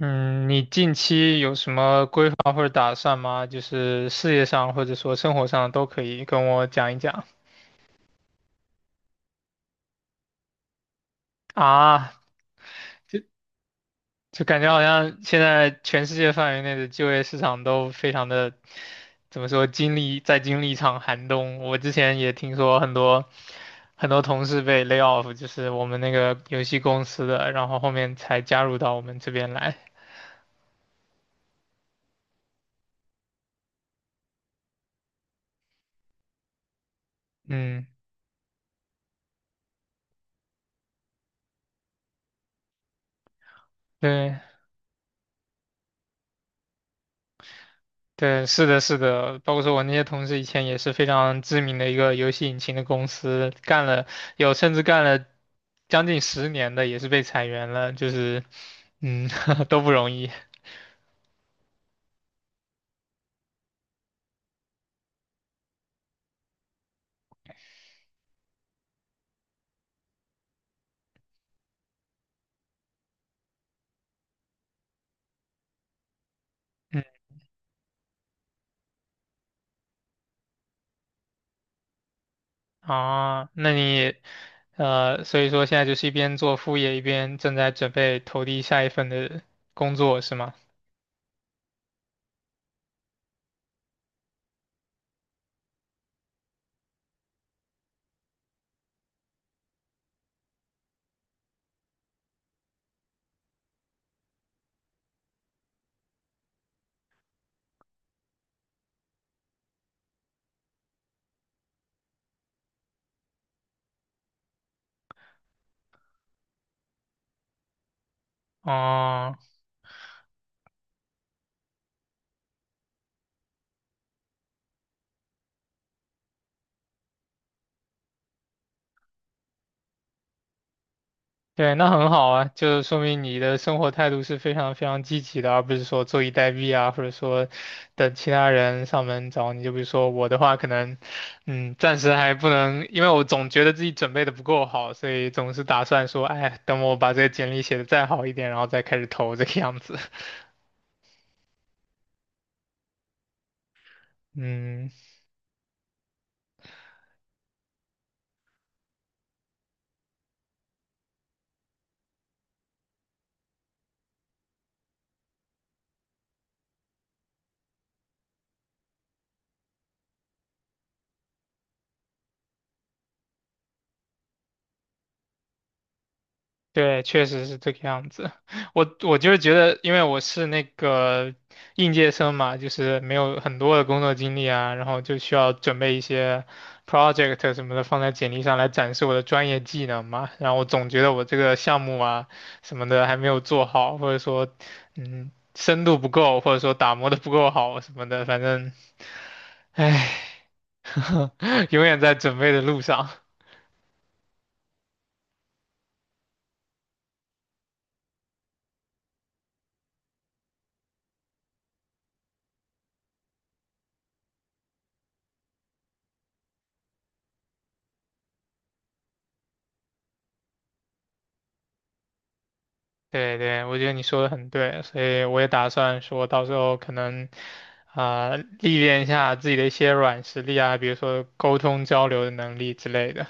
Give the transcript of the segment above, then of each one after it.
嗯，你近期有什么规划或者打算吗？就是事业上或者说生活上都可以跟我讲一讲啊。就感觉好像现在全世界范围内的就业市场都非常的，怎么说，经历一场寒冬。我之前也听说很多同事被 lay off，就是我们那个游戏公司的，然后后面才加入到我们这边来。嗯，对。对，是的，是的，包括说我那些同事以前也是非常知名的一个游戏引擎的公司，干了有甚至干了将近10年的，也是被裁员了，就是嗯 都不容易。嗯啊，那你所以说现在就是一边做副业，一边正在准备投递下一份的工作，是吗？哦、对，那很好啊，就是说明你的生活态度是非常非常积极的，而不是说坐以待毙啊，或者说等其他人上门找你。就比如说我的话，可能，嗯，暂时还不能，因为我总觉得自己准备的不够好，所以总是打算说，哎，等我把这个简历写的再好一点，然后再开始投这个样子。嗯，对，确实是这个样子。我就是觉得，因为我是那个应届生嘛，就是没有很多的工作经历啊，然后就需要准备一些 project 什么的放在简历上来展示我的专业技能嘛。然后我总觉得我这个项目啊什么的还没有做好，或者说嗯深度不够，或者说打磨的不够好什么的，反正唉，永远在准备的路上。对对，我觉得你说的很对，所以我也打算说到时候可能啊、历练一下自己的一些软实力啊，比如说沟通交流的能力之类的。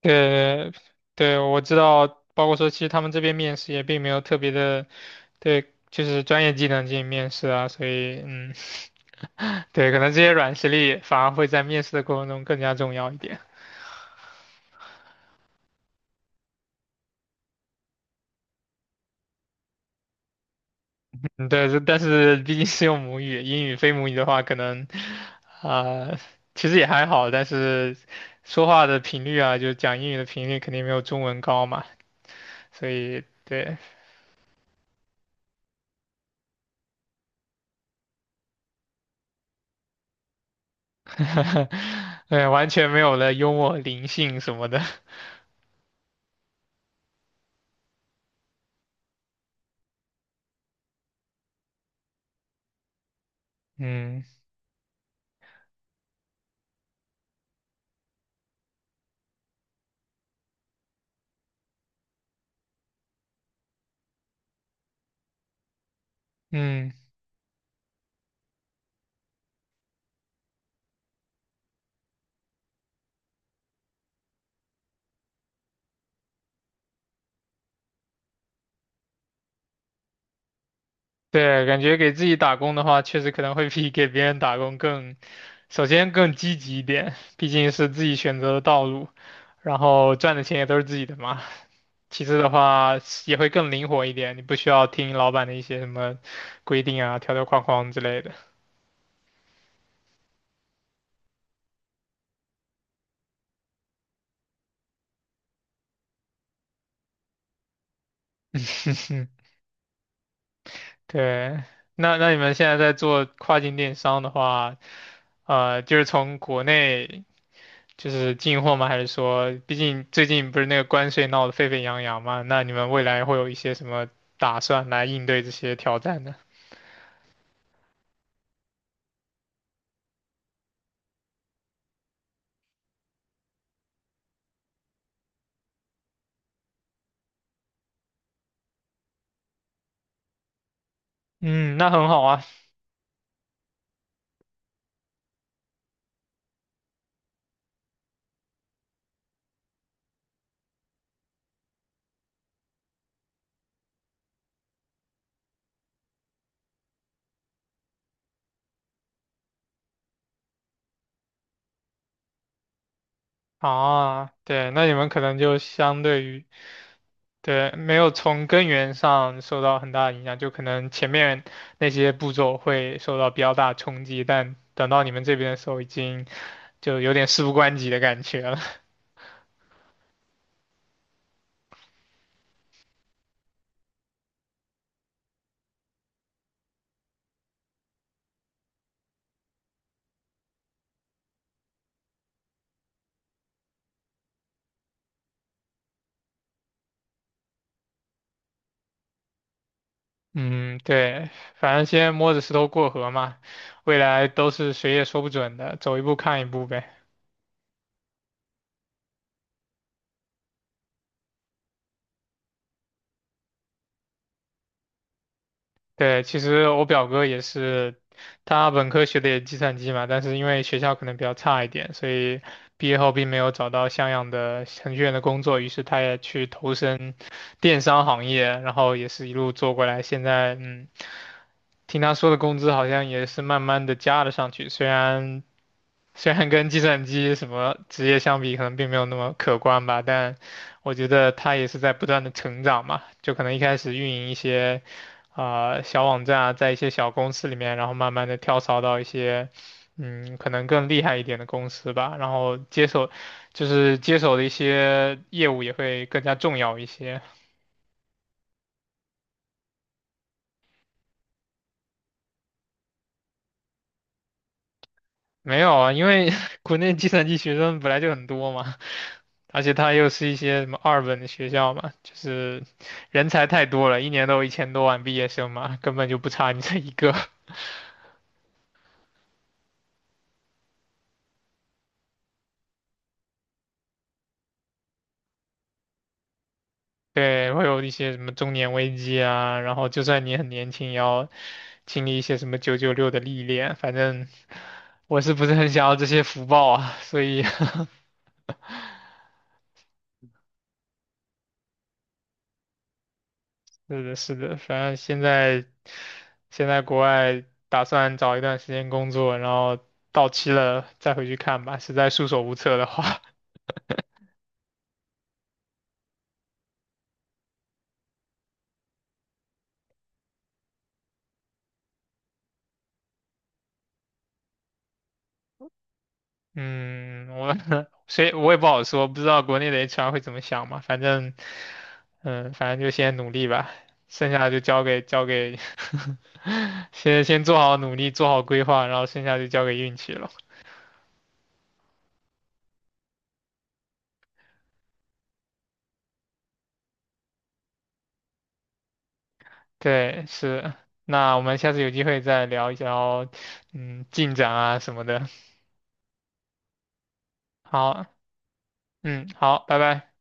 对，对，我知道，包括说，其实他们这边面试也并没有特别的，对，就是专业技能进行面试啊，所以，嗯，对，可能这些软实力反而会在面试的过程中更加重要一点。嗯对，但是毕竟是用母语，英语非母语的话，可能啊、其实也还好，但是说话的频率啊，就讲英语的频率肯定没有中文高嘛，所以对，对，完全没有了幽默灵性什么的。嗯嗯，对，感觉给自己打工的话，确实可能会比给别人打工更，首先更积极一点，毕竟是自己选择的道路，然后赚的钱也都是自己的嘛。其次的话也会更灵活一点，你不需要听老板的一些什么规定啊、条条框框之类的。对，那那你们现在在做跨境电商的话，就是从国内就是进货吗？还是说，毕竟最近不是那个关税闹得沸沸扬扬嘛？那你们未来会有一些什么打算来应对这些挑战呢？嗯，那很好啊。啊，对，那你们可能就相对于对，没有从根源上受到很大的影响，就可能前面那些步骤会受到比较大的冲击，但等到你们这边的时候，已经就有点事不关己的感觉了。嗯，对，反正先摸着石头过河嘛，未来都是谁也说不准的，走一步看一步呗。对，其实我表哥也是，他本科学的也是计算机嘛，但是因为学校可能比较差一点，所以毕业后并没有找到像样的程序员的工作，于是他也去投身电商行业，然后也是一路做过来，现在嗯，听他说的工资好像也是慢慢的加了上去，虽然跟计算机什么职业相比，可能并没有那么可观吧，但我觉得它也是在不断的成长嘛。就可能一开始运营一些啊、小网站啊，在一些小公司里面，然后慢慢的跳槽到一些嗯可能更厉害一点的公司吧，然后接手的一些业务也会更加重要一些。没有啊，因为 国内计算机学生本来就很多嘛，而且他又是一些什么二本的学校嘛，就是人才太多了，一年都有1000多万毕业生嘛，根本就不差你这一个。对，会有一些什么中年危机啊，然后就算你很年轻，也要经历一些什么996的历练。反正我是不是很想要这些福报啊？所以，是的，是的，反正现在国外打算找一段时间工作，然后到期了再回去看吧，实在束手无策的话。嗯，我 谁我也不好说，不知道国内的 HR 会怎么想嘛。反正，嗯，反正就先努力吧，剩下的就交给 先做好努力，做好规划，然后剩下就交给运气了。对，是。那我们下次有机会再聊一聊，嗯，进展啊什么的。好，嗯，好，拜拜。